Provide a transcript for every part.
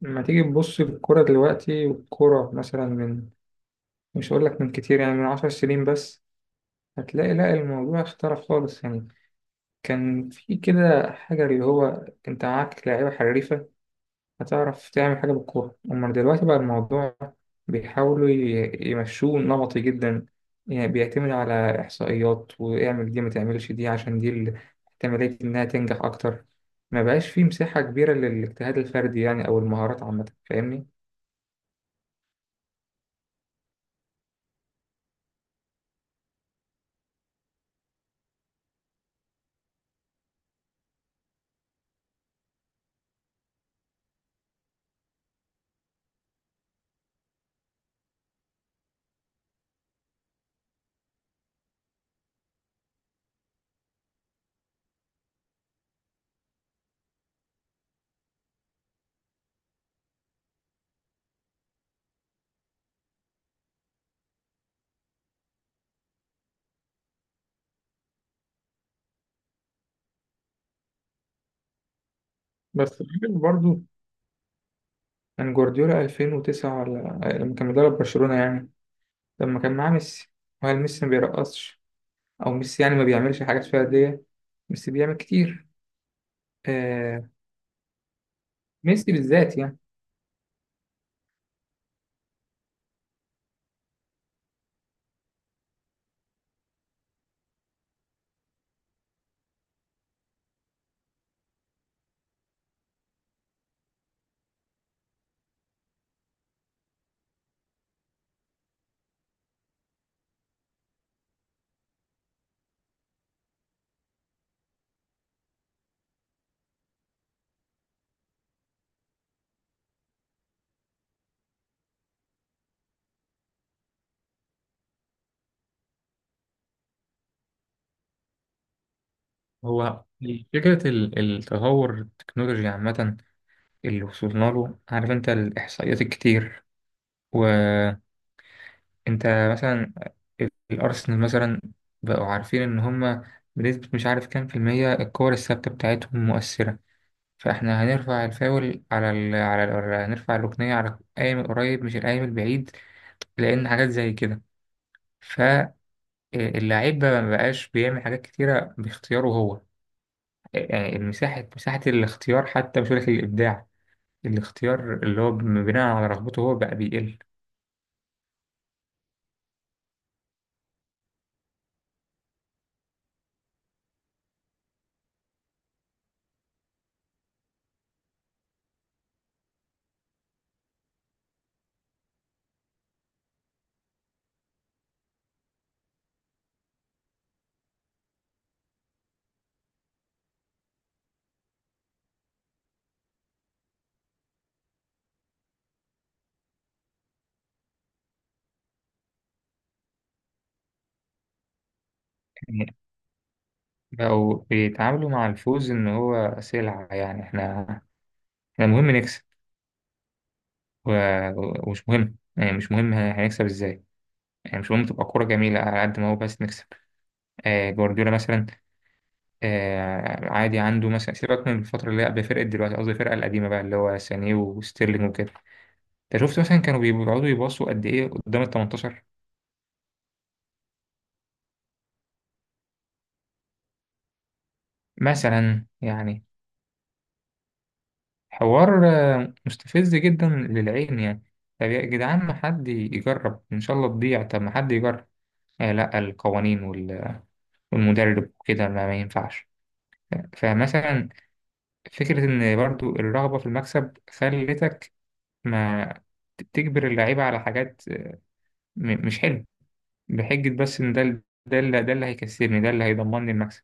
لما تيجي تبص الكرة دلوقتي والكرة مثلا من مش هقول لك من كتير، يعني من عشر سنين بس، هتلاقي لا الموضوع اختلف خالص. يعني كان في كده حاجة اللي هو انت معاك لعيبة حريفة هتعرف تعمل حاجة بالكورة. أما دلوقتي بقى الموضوع بيحاولوا يمشوه نمطي جدا، يعني بيعتمد على إحصائيات، واعمل دي ما تعملش دي، عشان دي احتمالية إنها تنجح أكتر. ما بقاش فيه مساحة كبيرة للاجتهاد الفردي يعني، أو المهارات عامة. فاهمني؟ بس برضه كان جوارديولا 2009، ولا لما كان مدرب برشلونة يعني، لما كان معاه ميسي، وهل ميسي ما بيرقصش؟ أو ميسي يعني ما بيعملش حاجات فردية؟ ميسي بيعمل كتير. آه، ميسي بالذات يعني. هو فكرة التطور التكنولوجي عامة اللي وصلنا له، عارف أنت الإحصائيات الكتير. وأنت مثلا، الأرسنال مثلا، بقوا عارفين إن هما بنسبة مش عارف كام في المية الكور الثابتة بتاعتهم مؤثرة، فاحنا هنرفع الفاول على هنرفع الركنية على القايم القريب مش القايم البعيد، لأن حاجات زي كده. فاللعيب بقى مبقاش بيعمل حاجات كتيرة باختياره هو، آه، يعني المساحة، مساحة الاختيار حتى، مش هقولك الإبداع، الاختيار اللي هو بناء على رغبته هو بقى بيقل. يعني بقوا بيتعاملوا مع الفوز إن هو سلعة. يعني احنا، احنا مهم نكسب، و... ومش مهم، يعني مش مهم هنكسب ازاي، يعني مش مهم تبقى كورة جميلة على قد ما هو، بس نكسب. آه جوارديولا مثلا، آه عادي عنده مثلا، سيبك من الفترة اللي هي قبل فرقة دلوقتي، قصدي الفرقة القديمة بقى، اللي هو سانيه وستيرلينج وكده، انت شفت مثلا كانوا بيقعدوا يباصوا قد ايه قدام ال 18 مثلا يعني، حوار آه، مستفز جدا للعين يعني. طب يا جدعان ما حد يجرب، ان شاء الله تضيع، طب ما حد يجرب. آه لا، القوانين والمدرب وكده ما ينفعش. فمثلا فكرة ان برضو الرغبة في المكسب خلتك ما تجبر اللعيبة على حاجات مش حلوة، بحجة بس إن ده ده اللي هيكسبني، ده اللي هيضمن لي المكسب.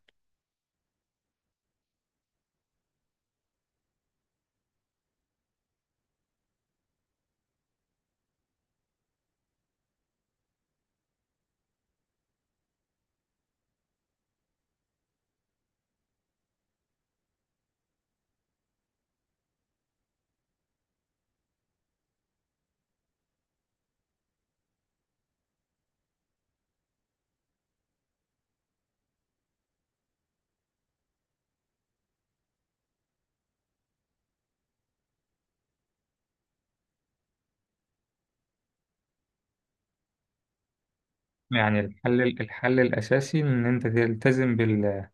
يعني الحل، الحل الأساسي إن أنت تلتزم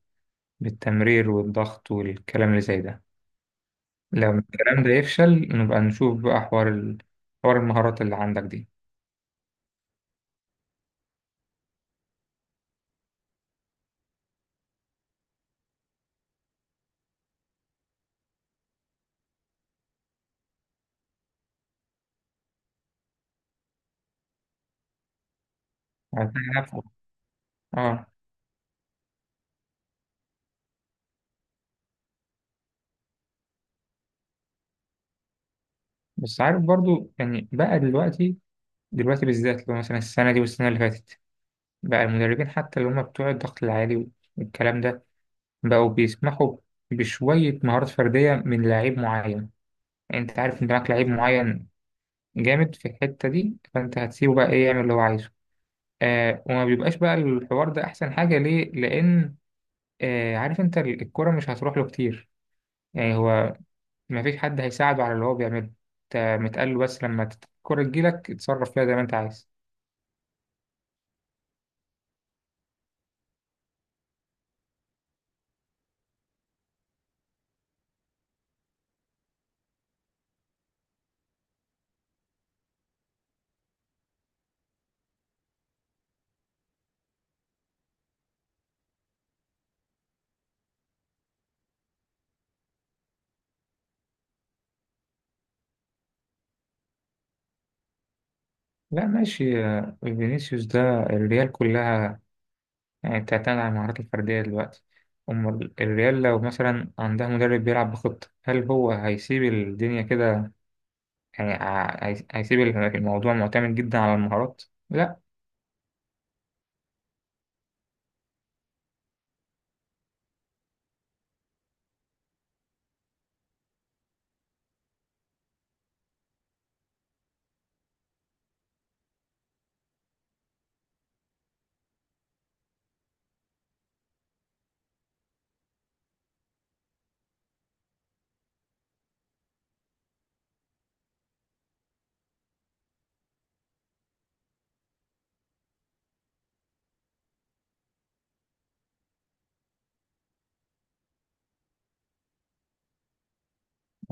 بالتمرير والضغط والكلام اللي زي ده. لو الكلام ده يفشل نبقى نشوف بقى حوار حوار المهارات اللي عندك دي. هتلاقي نفسك. اه. بس عارف برضو يعني بقى دلوقتي، دلوقتي بالذات لو مثلا السنة دي والسنة اللي فاتت، بقى المدربين حتى اللي هم بتوع الضغط العالي والكلام ده بقوا بيسمحوا بشوية مهارات فردية من لعيب معين. يعني انت عارف ان معاك لعيب معين جامد في الحتة دي، فانت هتسيبه بقى ايه يعمل اللي هو عايزه. آه، وما بيبقاش بقى الحوار ده احسن حاجة ليه، لان آه، عارف انت، الكرة مش هتروح له كتير، يعني هو ما فيش حد هيساعده على اللي هو بيعمله. انت متقال له بس لما الكرة تجيلك اتصرف فيها زي ما انت عايز. لا ماشي، آه، فينيسيوس ده الريال كلها يعني، بتعتمد على المهارات الفردية دلوقتي. أمال الريال لو مثلا عندها مدرب بيلعب بخطة، هل هو هيسيب الدنيا كده؟ يعني هيسيب الموضوع معتمد جدا على المهارات؟ لا.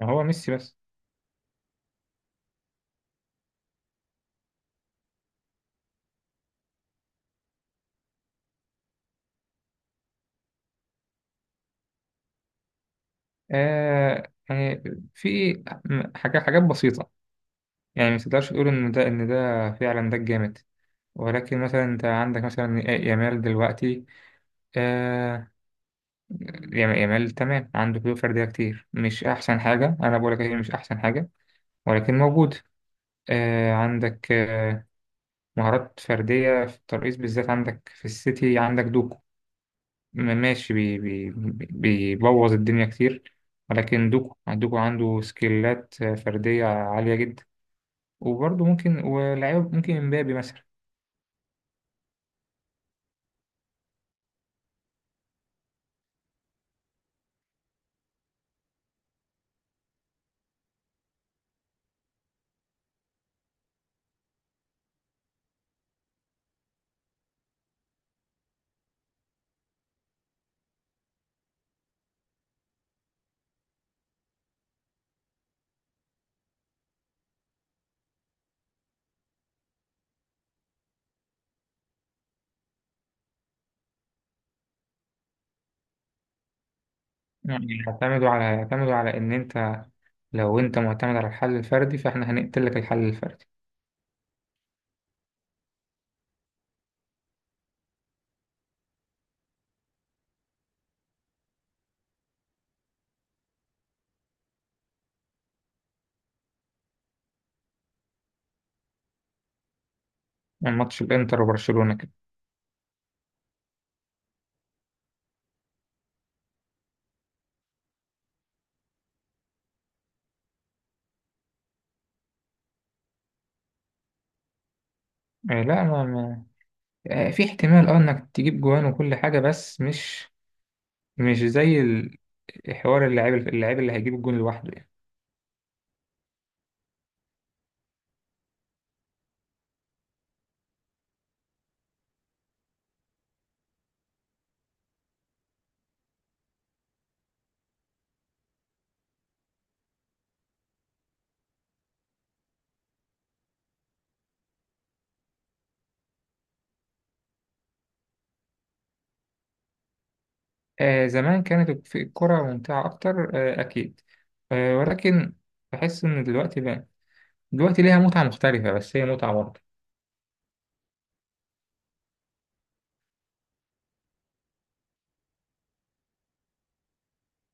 هو ميسي بس. آه يعني في حاجات، حاجات بسيطة، يعني ما تقدرش تقول إن ده، إن ده فعلا ده الجامد، ولكن مثلا أنت عندك مثلا يامال دلوقتي، آه، يامال تمام، عنده قدرة فردية كتير، مش أحسن حاجة، أنا بقول لك هي مش أحسن حاجة، ولكن موجود. آه عندك، آه، مهارات فردية في الترقيص بالذات، عندك في السيتي عندك دوكو، ماشي بي بي بيبوظ الدنيا كتير، ولكن دوكو، دوكو عنده سكيلات فردية عالية جدا. وبرضه ممكن، ولاعيب ممكن امبابي مثلا. يعني يعتمدوا على، يعتمدوا على ان انت لو انت معتمد على الحل الفردي فاحنا هنقتل لك الحل الفردي. ماتش الانتر وبرشلونة كده، آه، لا آه، في احتمال اه انك تجيب جوان وكل حاجة، بس مش، مش زي حوار اللاعب، اللاعب اللي هيجيب الجون لوحده يعني. آه زمان كانت الكرة ممتعة أكتر، آه أكيد، آه ولكن بحس إن دلوقتي بقى، دلوقتي ليها متعة مختلفة، بس هي متعة برضه.